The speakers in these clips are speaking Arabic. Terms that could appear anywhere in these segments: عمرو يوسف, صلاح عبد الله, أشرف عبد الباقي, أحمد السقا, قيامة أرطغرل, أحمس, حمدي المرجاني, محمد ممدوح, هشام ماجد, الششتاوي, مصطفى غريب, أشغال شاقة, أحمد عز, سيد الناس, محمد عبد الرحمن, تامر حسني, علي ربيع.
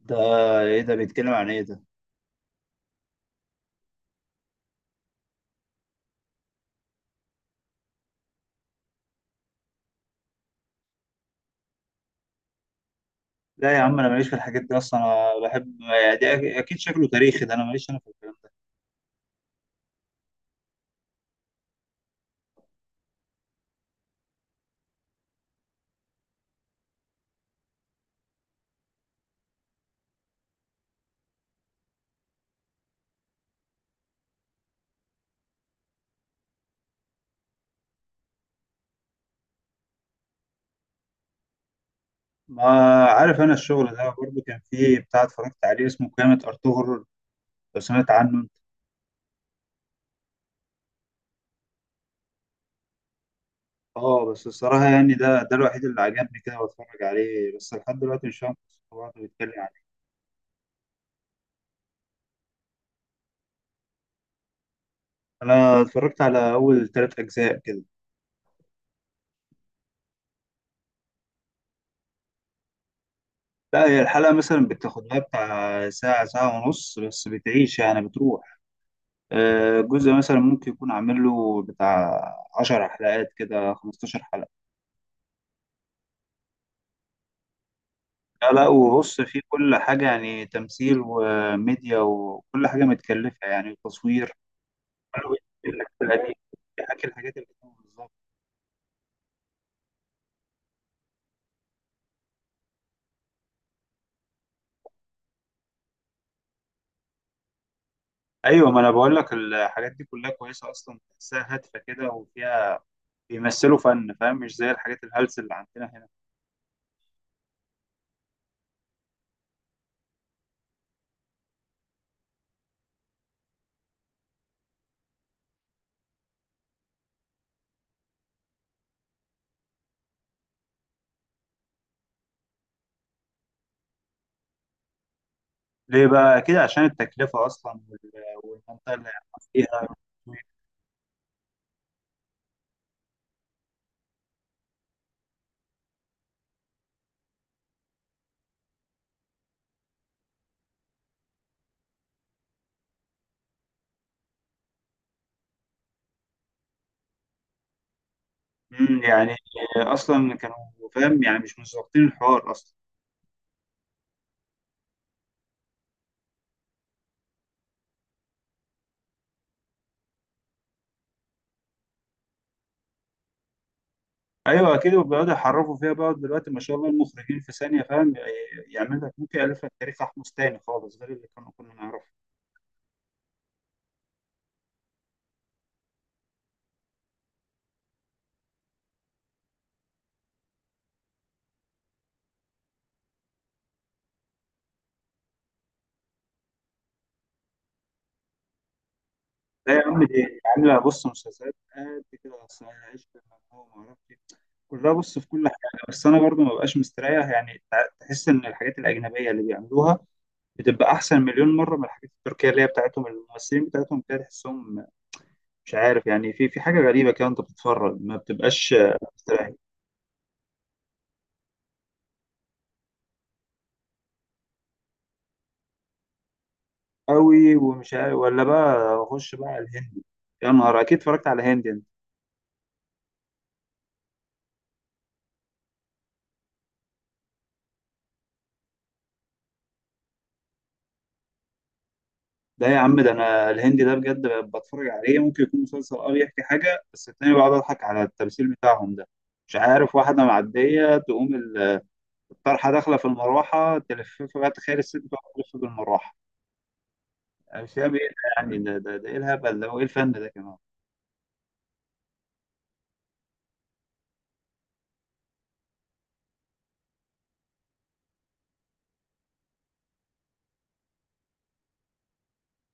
ده ايه ده بيتكلم عن ايه ده؟ لا يا عم، انا ماليش في الحاجات دي اصلا، انا بحب يعني دي اكيد شكله تاريخي ده، انا ماليش انا في الكلام ده. ما عارف، انا الشغل ده برضو كان فيه بتاع اتفرجت عليه اسمه قيامة ارطغرل، لو سمعت عنه انت. اه بس الصراحة يعني ده الوحيد اللي عجبني كده واتفرج عليه، بس لحد دلوقتي مش فاهم قصته بعض بيتكلم عن ايه. انا اتفرجت على اول ثلاث اجزاء كده. لا هي الحلقة مثلا بتاخد لها بتاع ساعة ونص، بس بتعيش يعني بتروح. الجزء مثلا ممكن يكون عامل له بتاع 10 حلقات كده، 15 حلقة. لا لا، وبص في كل حاجة يعني تمثيل وميديا وكل حاجة متكلفة يعني، وتصوير. كله بيحكي الحاجات القديمة، بيحكي الحاجات القديمة بالظبط. أيوة، ما أنا بقول لك الحاجات دي كلها كويسة أصلا، تحسها هادفة كده وفيها بيمثلوا فن، فاهم؟ مش زي الحاجات الهلس اللي عندنا هنا. ليه بقى كده؟ عشان التكلفة أصلا والمنطقة اللي هيعملوا فيها. يعني اصلا كانوا فاهم يعني مش مظبطين الحوار اصلا. ايوه اكيد، وبيقعدوا يحرفوا فيها بقى دلوقتي، ما شاء الله المخرجين في ثانيه، فاهم؟ يعمل لك ممكن يالف لك تاريخ احمس تاني خالص غير اللي كانوا كنا نعرفه. لا يا عم دي عامله بص مسلسلات قد كده اصلا، انا عشت. هو ما اعرفش إيه. كلها بص في كل حاجه، بس انا برضو ما بقاش مستريح يعني، تحس ان الحاجات الاجنبيه اللي بيعملوها بتبقى احسن مليون مره من الحاجات التركيه اللي هي بتاعتهم، الممثلين بتاعتهم كده تحسهم مش عارف يعني، في حاجة غريبة كده، أنت بتتفرج ما بتبقاش مستريح. قوي، ومش عارف ولا بقى أخش بقى على الهندي. يا نهار، أكيد اتفرجت على هندي أنت. ده يا عم ده أنا الهندي ده بجد بتفرج عليه ممكن يكون مسلسل أه بيحكي حاجة، بس التاني بقعد أضحك على التمثيل بتاعهم ده. مش عارف واحدة معدية تقوم الطرحة داخلة في المروحة تلففها، بقى تخيل الست بقى تلف بالمروحة. أنا مش فاهم إيه ده يعني، ده إيه الهبل ده وإيه الفن ده كمان؟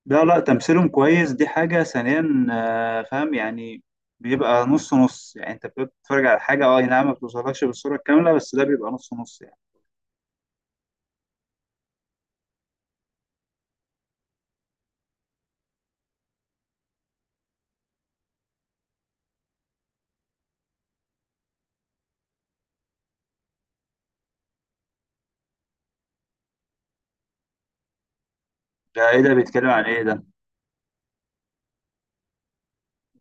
لا لا، تمثيلهم كويس دي حاجة، ثانيا فاهم يعني بيبقى نص نص يعني، انت بتبقى بتتفرج على حاجة اه أي نعم ما بتوصلكش بالصورة الكاملة، بس ده بيبقى نص نص يعني. ده ايه ده بيتكلم عن ايه ده؟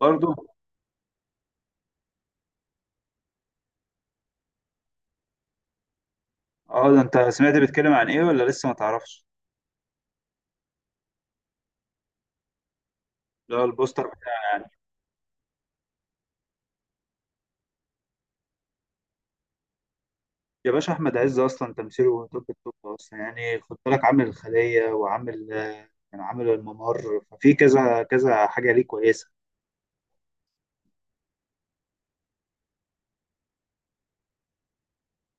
برضو. اه ده انت سمعت بيتكلم عن ايه ولا لسه ما تعرفش؟ لا البوستر بتاعه يعني. يا باشا احمد عز اصلا تمثيله توب التوب اصلا يعني، خد بالك عامل الخلية وعامل كان عامل الممر، ففي كذا كذا حاجة ليه كويسة.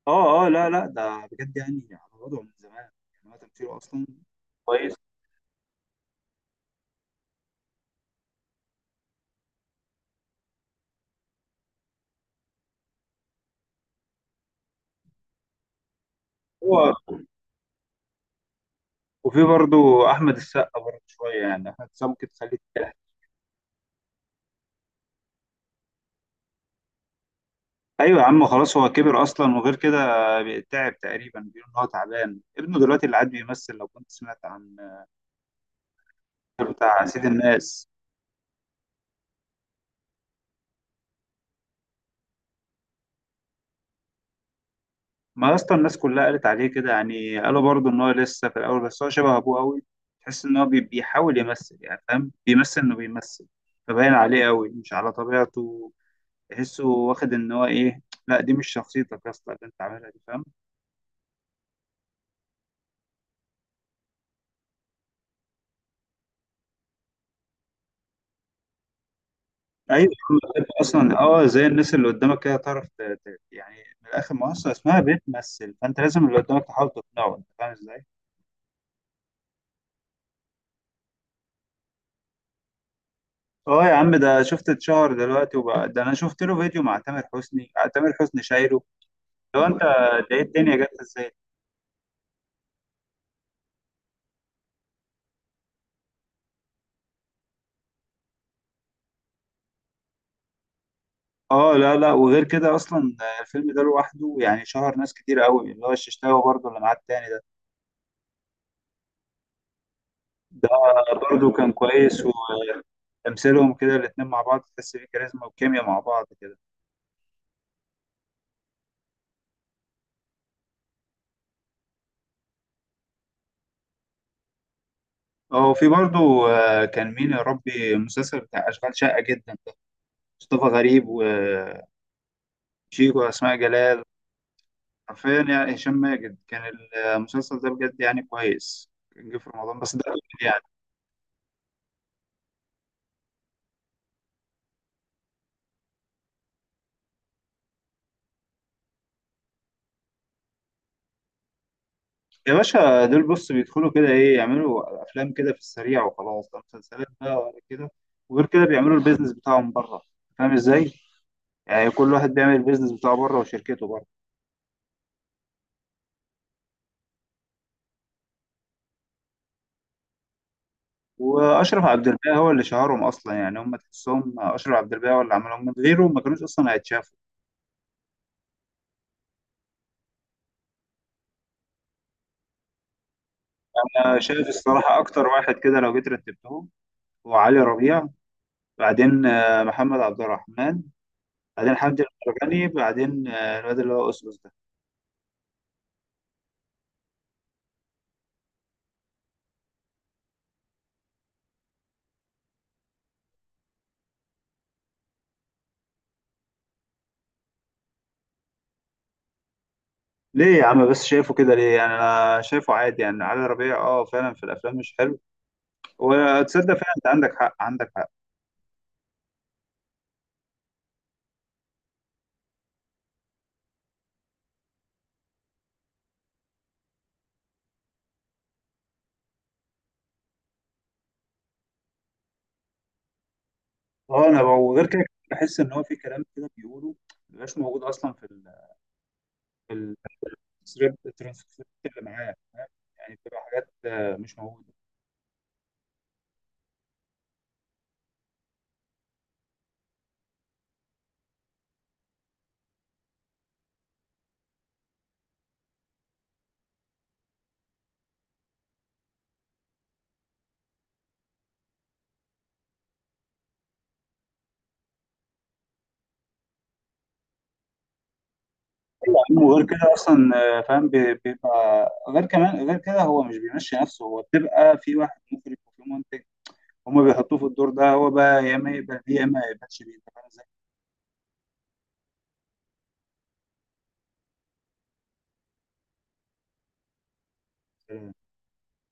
اه اه، لا لا ده بجد يعني على وضعه من زمان، يعني هو تمثيله اصلا كويس. هو وفي برضو احمد السقا، برضو شويه يعني احمد السقا ممكن تخليه تعب. ايوه يا عم خلاص، هو كبر اصلا، وغير كده تعب تقريبا، بيقول ان هو تعبان، ابنه دلوقتي اللي قاعد بيمثل لو كنت سمعت عن بتاع سيد الناس. ما اصلا الناس كلها قالت عليه كده يعني، قالوا برضو ان هو لسه في الاول، بس هو شبه ابوه قوي. تحس ان هو بيحاول يمثل يعني، فاهم؟ بيمثل انه بيمثل، فباين عليه قوي مش على طبيعته. تحسه واخد ان هو ايه، لا دي مش شخصيتك يا اسطى اللي انت عاملها دي، فاهم؟ ايوه بتبقى اصلا اه زي الناس اللي قدامك كده تعرف يعني من الاخر منصه اسمها بتمثل، فانت لازم اللي قدامك تحاول تقنعه، انت فاهم ازاي؟ اه يا عم ده شفت، اتشهر دلوقتي وبقى ده، انا شفت له فيديو مع تامر حسني، تامر حسني شايله. لو انت ده إيه الدنيا جت ازاي؟ اه لا لا، وغير كده اصلا الفيلم ده لوحده يعني شهر ناس كتير قوي، اللي هو الششتاوي برضه اللي معاه التاني ده. ده برضه كان كويس، وتمثيلهم كده الاتنين مع بعض تحس بيه كاريزما وكيميا مع بعض كده. اه وفي برضو كان مين يا ربي المسلسل بتاع أشغال شاقة جدا ده؟ مصطفى غريب وشيكو وأسماء جلال، حرفيا يعني هشام ماجد كان. المسلسل ده بجد يعني كويس، كان جه في رمضان، بس ده أول يعني. يا باشا دول بص بيدخلوا كده إيه يعملوا أفلام كده في السريع وخلاص، ده مسلسلات بقى ولا كده، وغير كده بيعملوا البيزنس بتاعهم بره، فاهم إزاي؟ يعني كل واحد بيعمل البيزنس بتاعه بره وشركته بره. واشرف عبد الباقي هو اللي شهرهم اصلا يعني، هم تحسهم اشرف عبد الباقي هو اللي عملهم، من غيره ما كانوش اصلا هيتشافوا. انا شايف الصراحه اكتر واحد كده لو جيت رتبتهم هو علي ربيع، بعدين محمد عبد الرحمن، بعدين حمدي المرجاني، بعدين الواد اللي هو اسلوس ده. ليه يا عم بس شايفه كده ليه؟ يعني انا شايفه عادي يعني، علي ربيع اه فعلا في الافلام مش حلو، وتصدق فعلا انت عندك حق، عندك حق. اه انا وغير كده بحس ان هو في كلام كده بيقوله مبيبقاش موجود اصلا في تسريب الترانسكريبت اللي معاه، فاهم؟ يعني بتبقى حاجات مش موجوده. أيوة يا عم، وغير كده اصلا فاهم بيبقى غير كمان، غير كده هو مش بيمشي نفسه، هو بتبقى في واحد مخرج وفي منتج، هما بيحطوه في الدور ده، هو بقى يا اما يقبل بيه يا اما ما يقبلش بيه، انت فاهم ازاي؟